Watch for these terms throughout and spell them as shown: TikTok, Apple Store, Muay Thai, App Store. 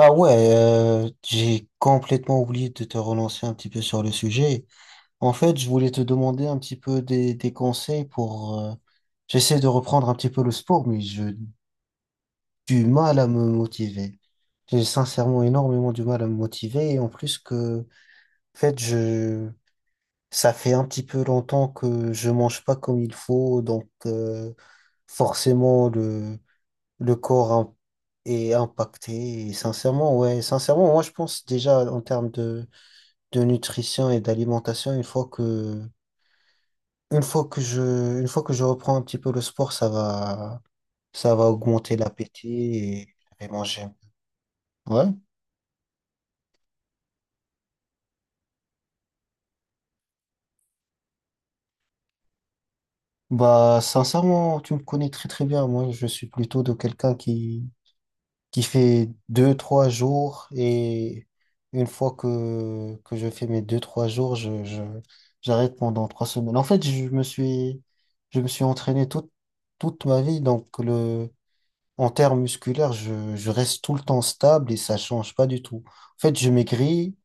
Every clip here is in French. Ah ouais, j'ai complètement oublié de te relancer un petit peu sur le sujet. En fait, je voulais te demander un petit peu des conseils j'essaie de reprendre un petit peu le sport, mais j'ai du mal à me motiver. J'ai sincèrement énormément du mal à me motiver. Et en plus que, en fait, ça fait un petit peu longtemps que je mange pas comme il faut. Donc, forcément, le corps est impacté. Et sincèrement, ouais, sincèrement, moi je pense déjà en termes de nutrition et d'alimentation, une fois que je reprends un petit peu le sport, ça va augmenter l'appétit et je vais manger. Ouais. Bah, sincèrement, tu me connais très très bien. Moi, je suis plutôt de quelqu'un qui fait 2, 3 jours. Et une fois que je fais mes 2, 3 jours, j'arrête pendant 3 semaines. En fait, je me suis entraîné toute ma vie. Donc, en termes musculaires, je reste tout le temps stable et ça change pas du tout. En fait, je maigris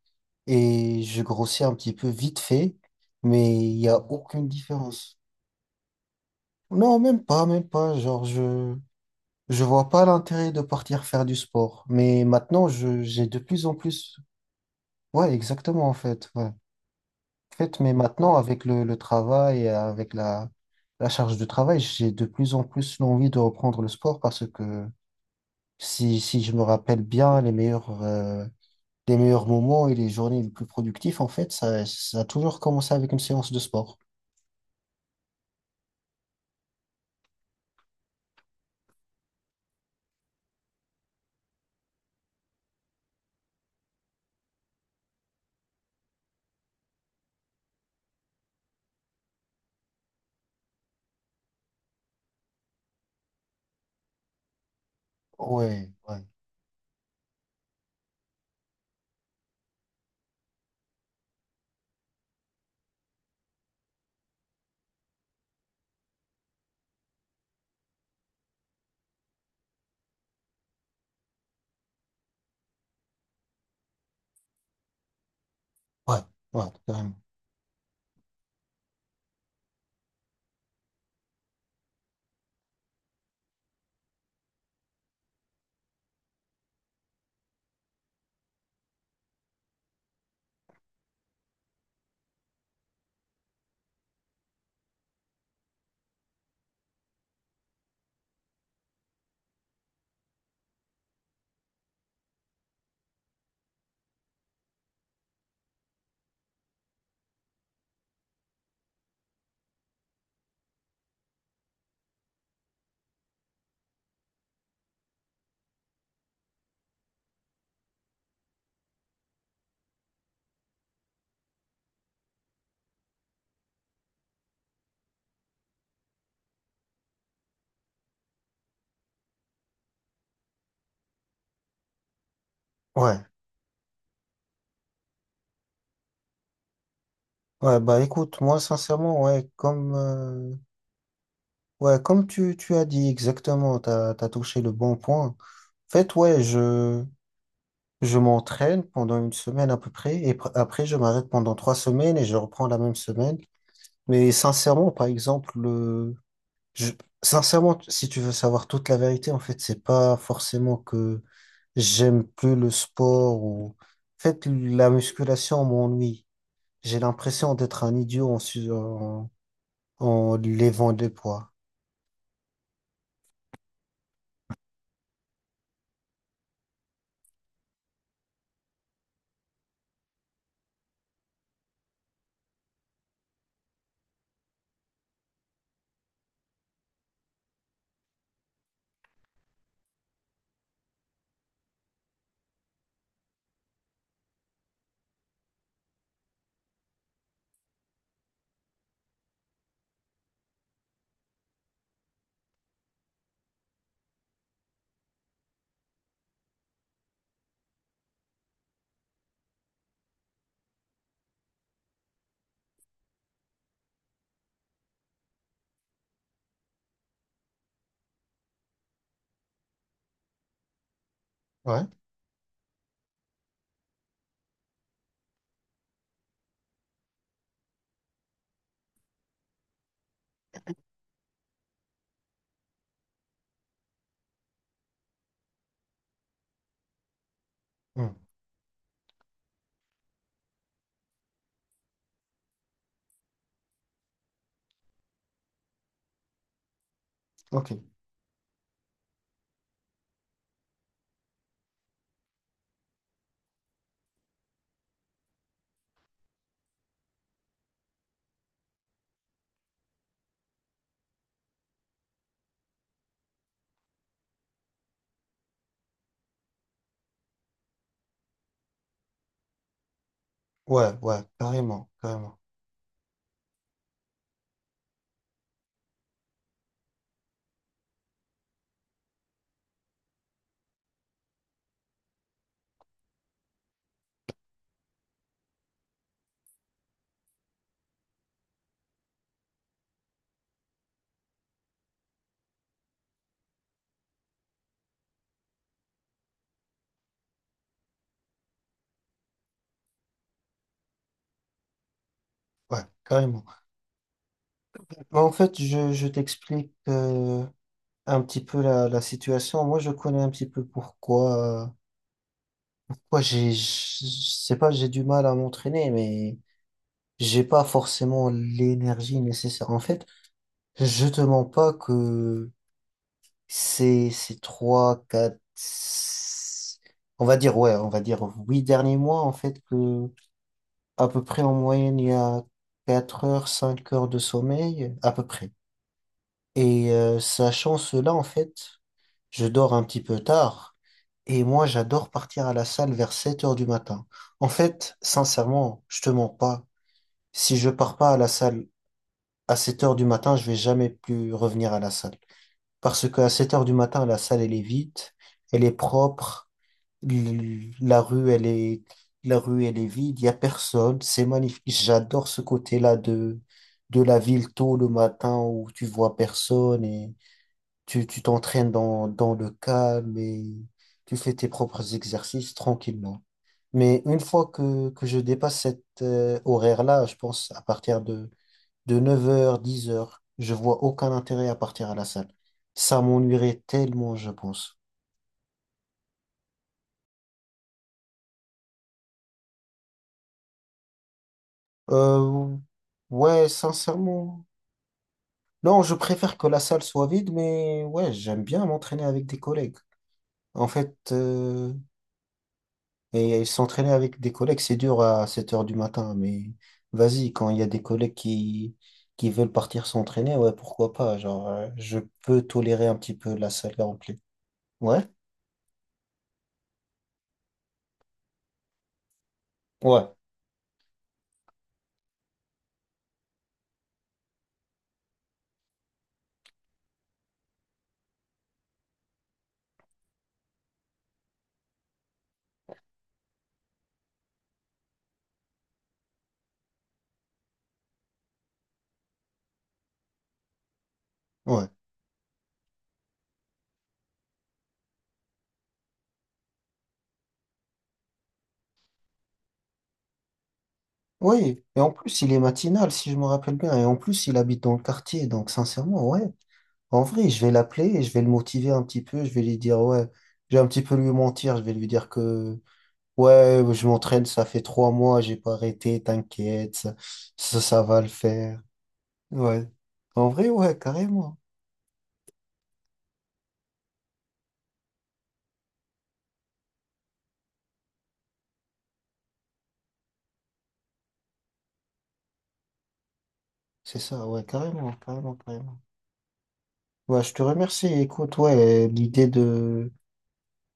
et je grossis un petit peu vite fait, mais il n'y a aucune différence. Non, même pas, même pas. Genre, je vois pas l'intérêt de partir faire du sport, mais maintenant je j'ai de plus en plus. Ouais, exactement en fait. Ouais. En fait, mais maintenant avec le travail et avec la charge de travail, j'ai de plus en plus l'envie de reprendre le sport parce que si je me rappelle bien, les meilleurs moments et les journées les plus productives, en fait, ça a toujours commencé avec une séance de sport. Ouais, ouais, ouais, ouais, carrément. Ouais, ouais, bah écoute, moi sincèrement, ouais, ouais, comme tu as dit exactement, t'as touché le bon point. En fait, ouais, je m'entraîne pendant une semaine à peu près et après je m'arrête pendant 3 semaines et je reprends la même semaine. Mais sincèrement, par exemple, je... sincèrement, si tu veux savoir toute la vérité, en fait, c'est pas forcément que j'aime plus le sport ou en fait la musculation m'ennuie. J'ai l'impression d'être un idiot en levant des poids. Ouais. Hmm. Ok. Ouais, ouais, carrément, carrément. Ouais, carrément. En fait, je t'explique un petit peu la situation. Moi, je connais un petit peu pourquoi je sais pas, j'ai du mal à m'entraîner, mais j'ai pas forcément l'énergie nécessaire. En fait, je te mens pas que ces trois, quatre, ouais, on va dire 8 derniers mois, en fait, que à peu près en moyenne, il y a 4 heures, 5 heures de sommeil, à peu près. Et sachant cela, en fait, je dors un petit peu tard. Et moi, j'adore partir à la salle vers 7 heures du matin. En fait, sincèrement, je te mens pas. Si je pars pas à la salle à 7 heures du matin, je vais jamais plus revenir à la salle. Parce qu'à 7 heures du matin, la salle, elle est vide, elle est propre, l- la rue, elle est, la rue, elle est vide, il y a personne. C'est magnifique. J'adore ce côté-là de la ville tôt le matin où tu vois personne et tu t'entraînes dans le calme et tu fais tes propres exercices tranquillement. Mais une fois que je dépasse cet horaire-là, je pense à partir de 9 heures 10 heures je vois aucun intérêt à partir à la salle. Ça m'ennuierait tellement, je pense. Euh, ouais, sincèrement. Non, je préfère que la salle soit vide, mais ouais, j'aime bien m'entraîner avec des collègues. En fait, et s'entraîner avec des collègues, c'est dur à 7 heures du matin, mais vas-y, quand il y a des collègues qui veulent partir s'entraîner, ouais, pourquoi pas? Genre, je peux tolérer un petit peu la salle remplie. Ouais, ouais, ouais. Oui, et en plus, il est matinal, si je me rappelle bien. Et en plus, il habite dans le quartier, donc sincèrement, ouais. En vrai, je vais l'appeler, et je vais le motiver un petit peu, je vais lui dire, ouais, je vais un petit peu lui mentir, je vais lui dire que, ouais, je m'entraîne, ça fait 3 mois, j'ai pas arrêté, t'inquiète, ça va le faire. Ouais. En vrai, ouais, carrément. C'est ça, ouais, carrément, carrément, carrément. Ouais, je te remercie. Écoute, ouais, l'idée de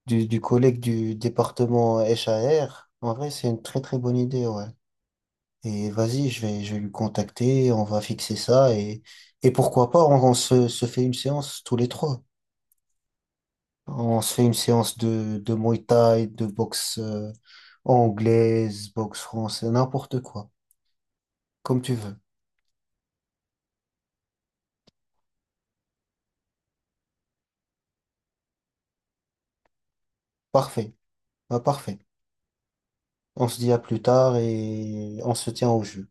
du, du collègue du département HAR en vrai, c'est une très très bonne idée, ouais. Et vas-y, je vais lui contacter, on va fixer ça et pourquoi pas, on se fait une séance tous les trois. On se fait une séance de Muay Thai, de boxe anglaise, boxe française, n'importe quoi, comme tu veux. Parfait. Bah, parfait. On se dit à plus tard et on se tient au jeu.